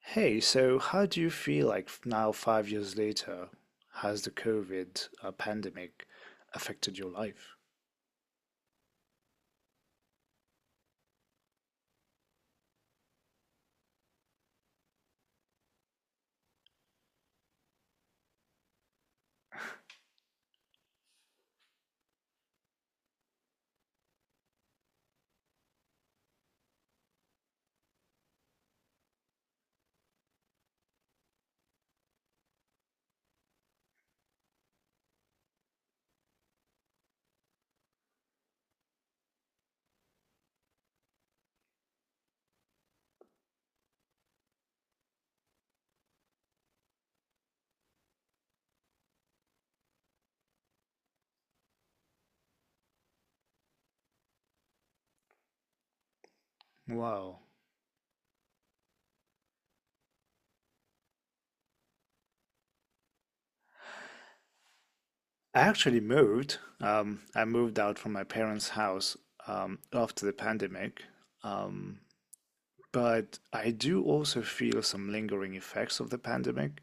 Hey, so how do you feel like now, 5 years later, has the COVID pandemic affected your life? Wow. I actually moved. I moved out from my parents' house after the pandemic. Um, but I do also feel some lingering effects of the pandemic.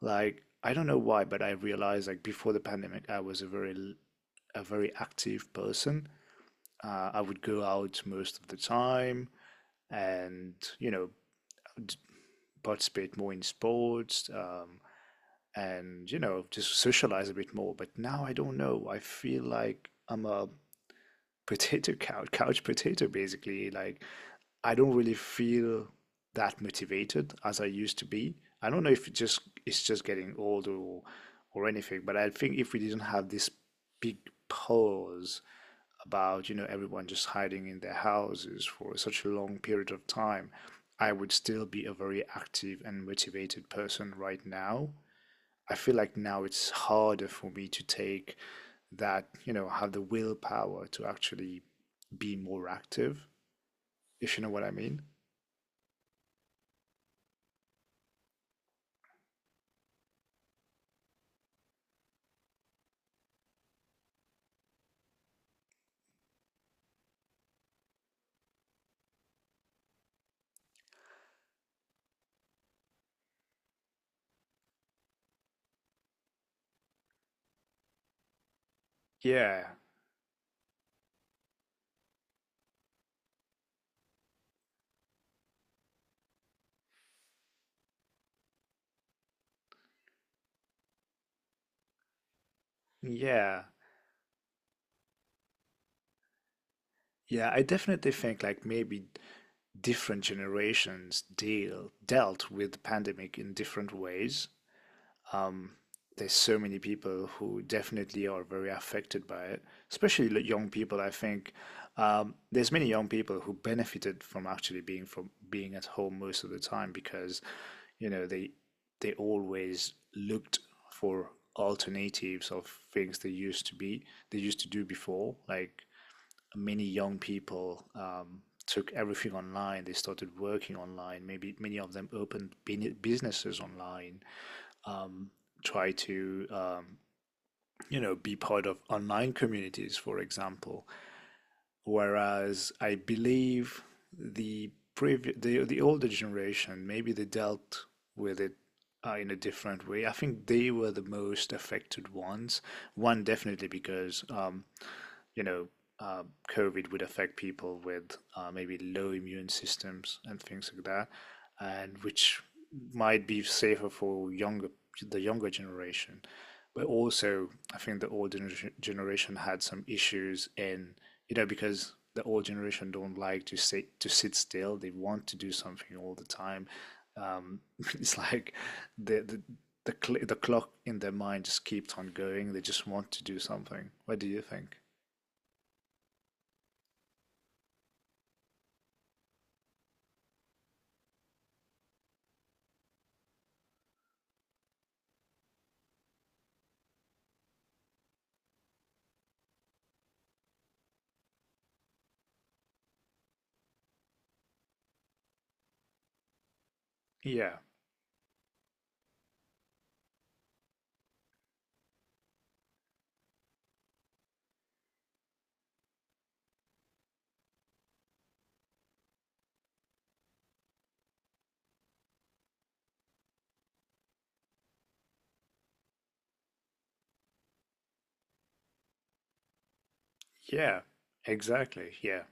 Like, I don't know why, but I realized like before the pandemic, I was a very active person. I would go out most of the time, and you know participate more in sports, and you know just socialize a bit more. But now I don't know. I feel like I'm a potato couch couch potato basically. Like I don't really feel that motivated as I used to be. I don't know if it's just getting older or anything, but I think if we didn't have this big pause about you know everyone just hiding in their houses for such a long period of time, I would still be a very active and motivated person right now. I feel like now it's harder for me to take that, you know, have the willpower to actually be more active, if you know what I mean. Yeah, yeah, yeah. I definitely think like maybe different generations dealt with the pandemic in different ways. Um, there's so many people who definitely are very affected by it, especially young people. I think there's many young people who benefited from actually being from being at home most of the time because, you know, they always looked for alternatives of things they used to do before, like many young people took everything online. They started working online. Maybe many of them opened businesses online. Um, Try to you know be part of online communities, for example. Whereas I believe the older generation maybe they dealt with it in a different way. I think they were the most affected ones. One definitely because you know, uh, COVID would affect people with maybe low immune systems and things like that, and which might be safer for younger the younger generation. But also, I think the old generation had some issues in you know because the old generation don't like to sit still. They want to do something all the time. Um, it's like the, the the clock in their mind just keeps on going. They just want to do something. What do you think? Yeah, yeah, exactly. Yeah,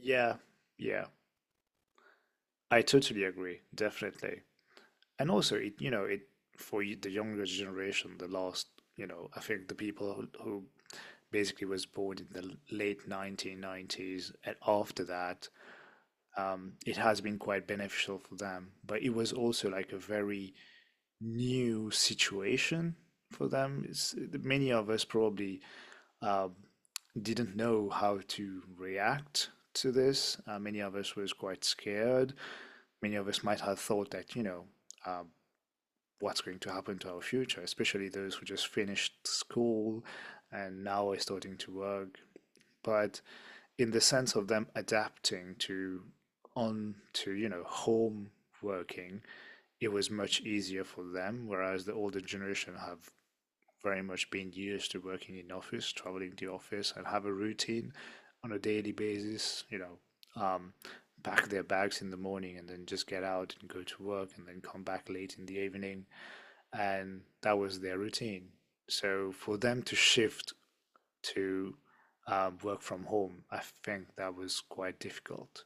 yeah, yeah. I totally agree, definitely. And also, it you know, it for y- the younger generation, the last, you know, I think the people who basically was born in the l- late 1990s and after that, it has been quite beneficial for them. But it was also like a very new situation for them. It's, many of us probably um, didn't know how to react to this. Many of us was quite scared. Many of us might have thought that, you know, what's going to happen to our future, especially those who just finished school and now are starting to work. But in the sense of them adapting to on to, you know, home working, it was much easier for them, whereas the older generation have very much been used to working in office, traveling to office, and have a routine on a daily basis. You know, pack their bags in the morning and then just get out and go to work and then come back late in the evening, and that was their routine. So for them to shift to work from home, I think that was quite difficult.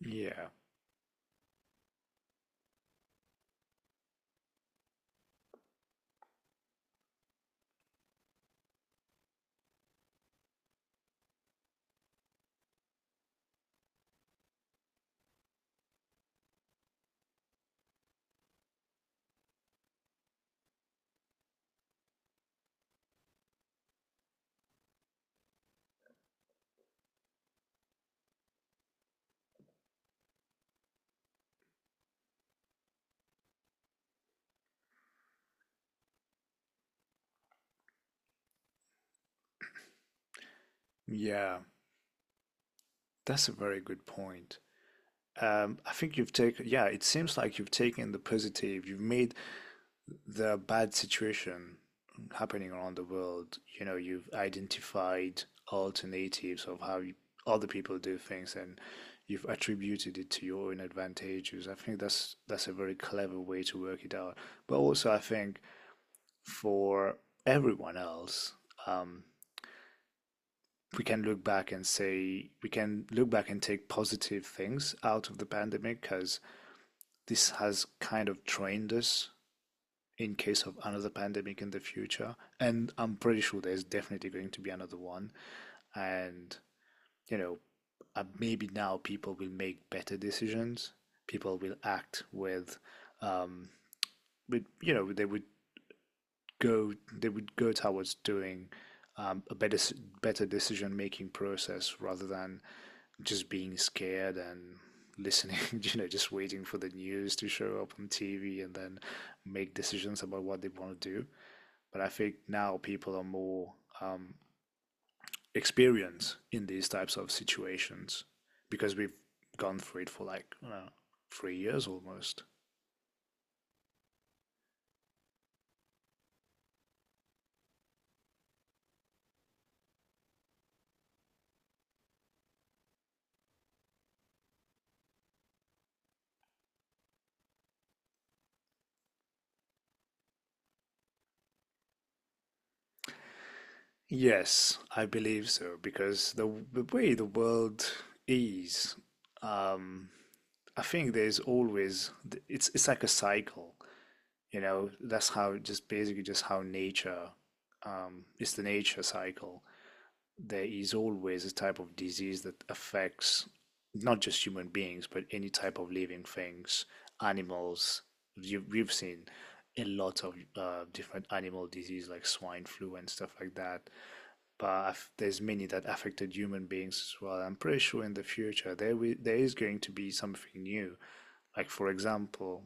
Yeah, yeah, that's a very good point. I think you've taken, yeah, it seems like you've taken the positive, you've made the bad situation happening around the world, you know, you've identified alternatives of how you, other people do things, and you've attributed it to your own advantages. I think that's a very clever way to work it out. But also I think for everyone else, um, we can look back and take positive things out of the pandemic because this has kind of trained us in case of another pandemic in the future, and I'm pretty sure there's definitely going to be another one. And, you know, maybe now people will make better decisions. People will act um, with you know, go they would go towards doing a better decision making process rather than just being scared and listening, you know, just waiting for the news to show up on TV and then make decisions about what they want to do. But I think now people are more um, experienced in these types of situations because we've gone through it for like I don't know, 3 years almost. Yes, I believe so because the way the world is, um, I think there's always it's like a cycle. You know, that's how just basically just how nature is the nature cycle. There is always a type of disease that affects not just human beings, but any type of living things, animals. You, we've seen a lot of different animal disease like swine flu and stuff like that. But there's many that affected human beings as well. I'm pretty sure in the future there is going to be something new. Like for example,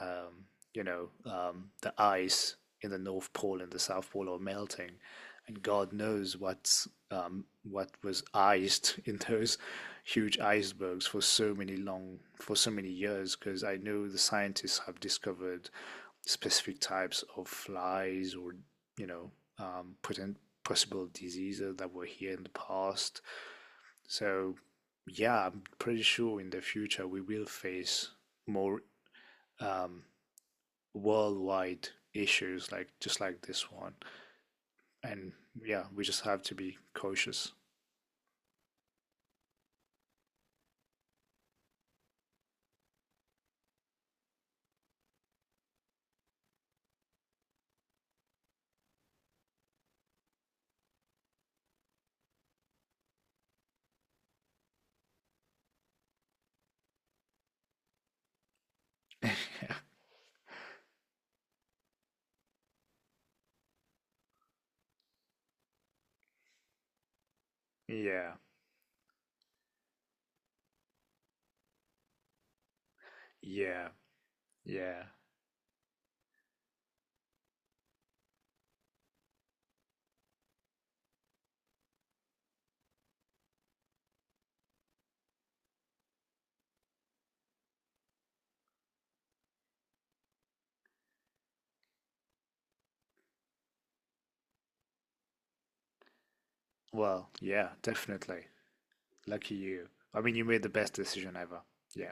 um, you know, the ice in the North Pole and the South Pole are melting, and God knows what's what was iced in those huge icebergs for so many long for so many years. Because I know the scientists have discovered specific types of flies or you know potent possible diseases that were here in the past. So yeah, I'm pretty sure in the future we will face more um, worldwide issues like just like this one, and yeah, we just have to be cautious. Yeah, yeah, yeah. Well, yeah, definitely. Lucky you. I mean, you made the best decision ever. Yeah,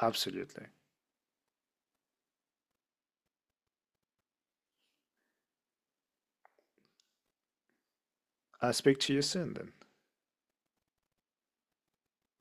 absolutely. I'll speak to you soon then.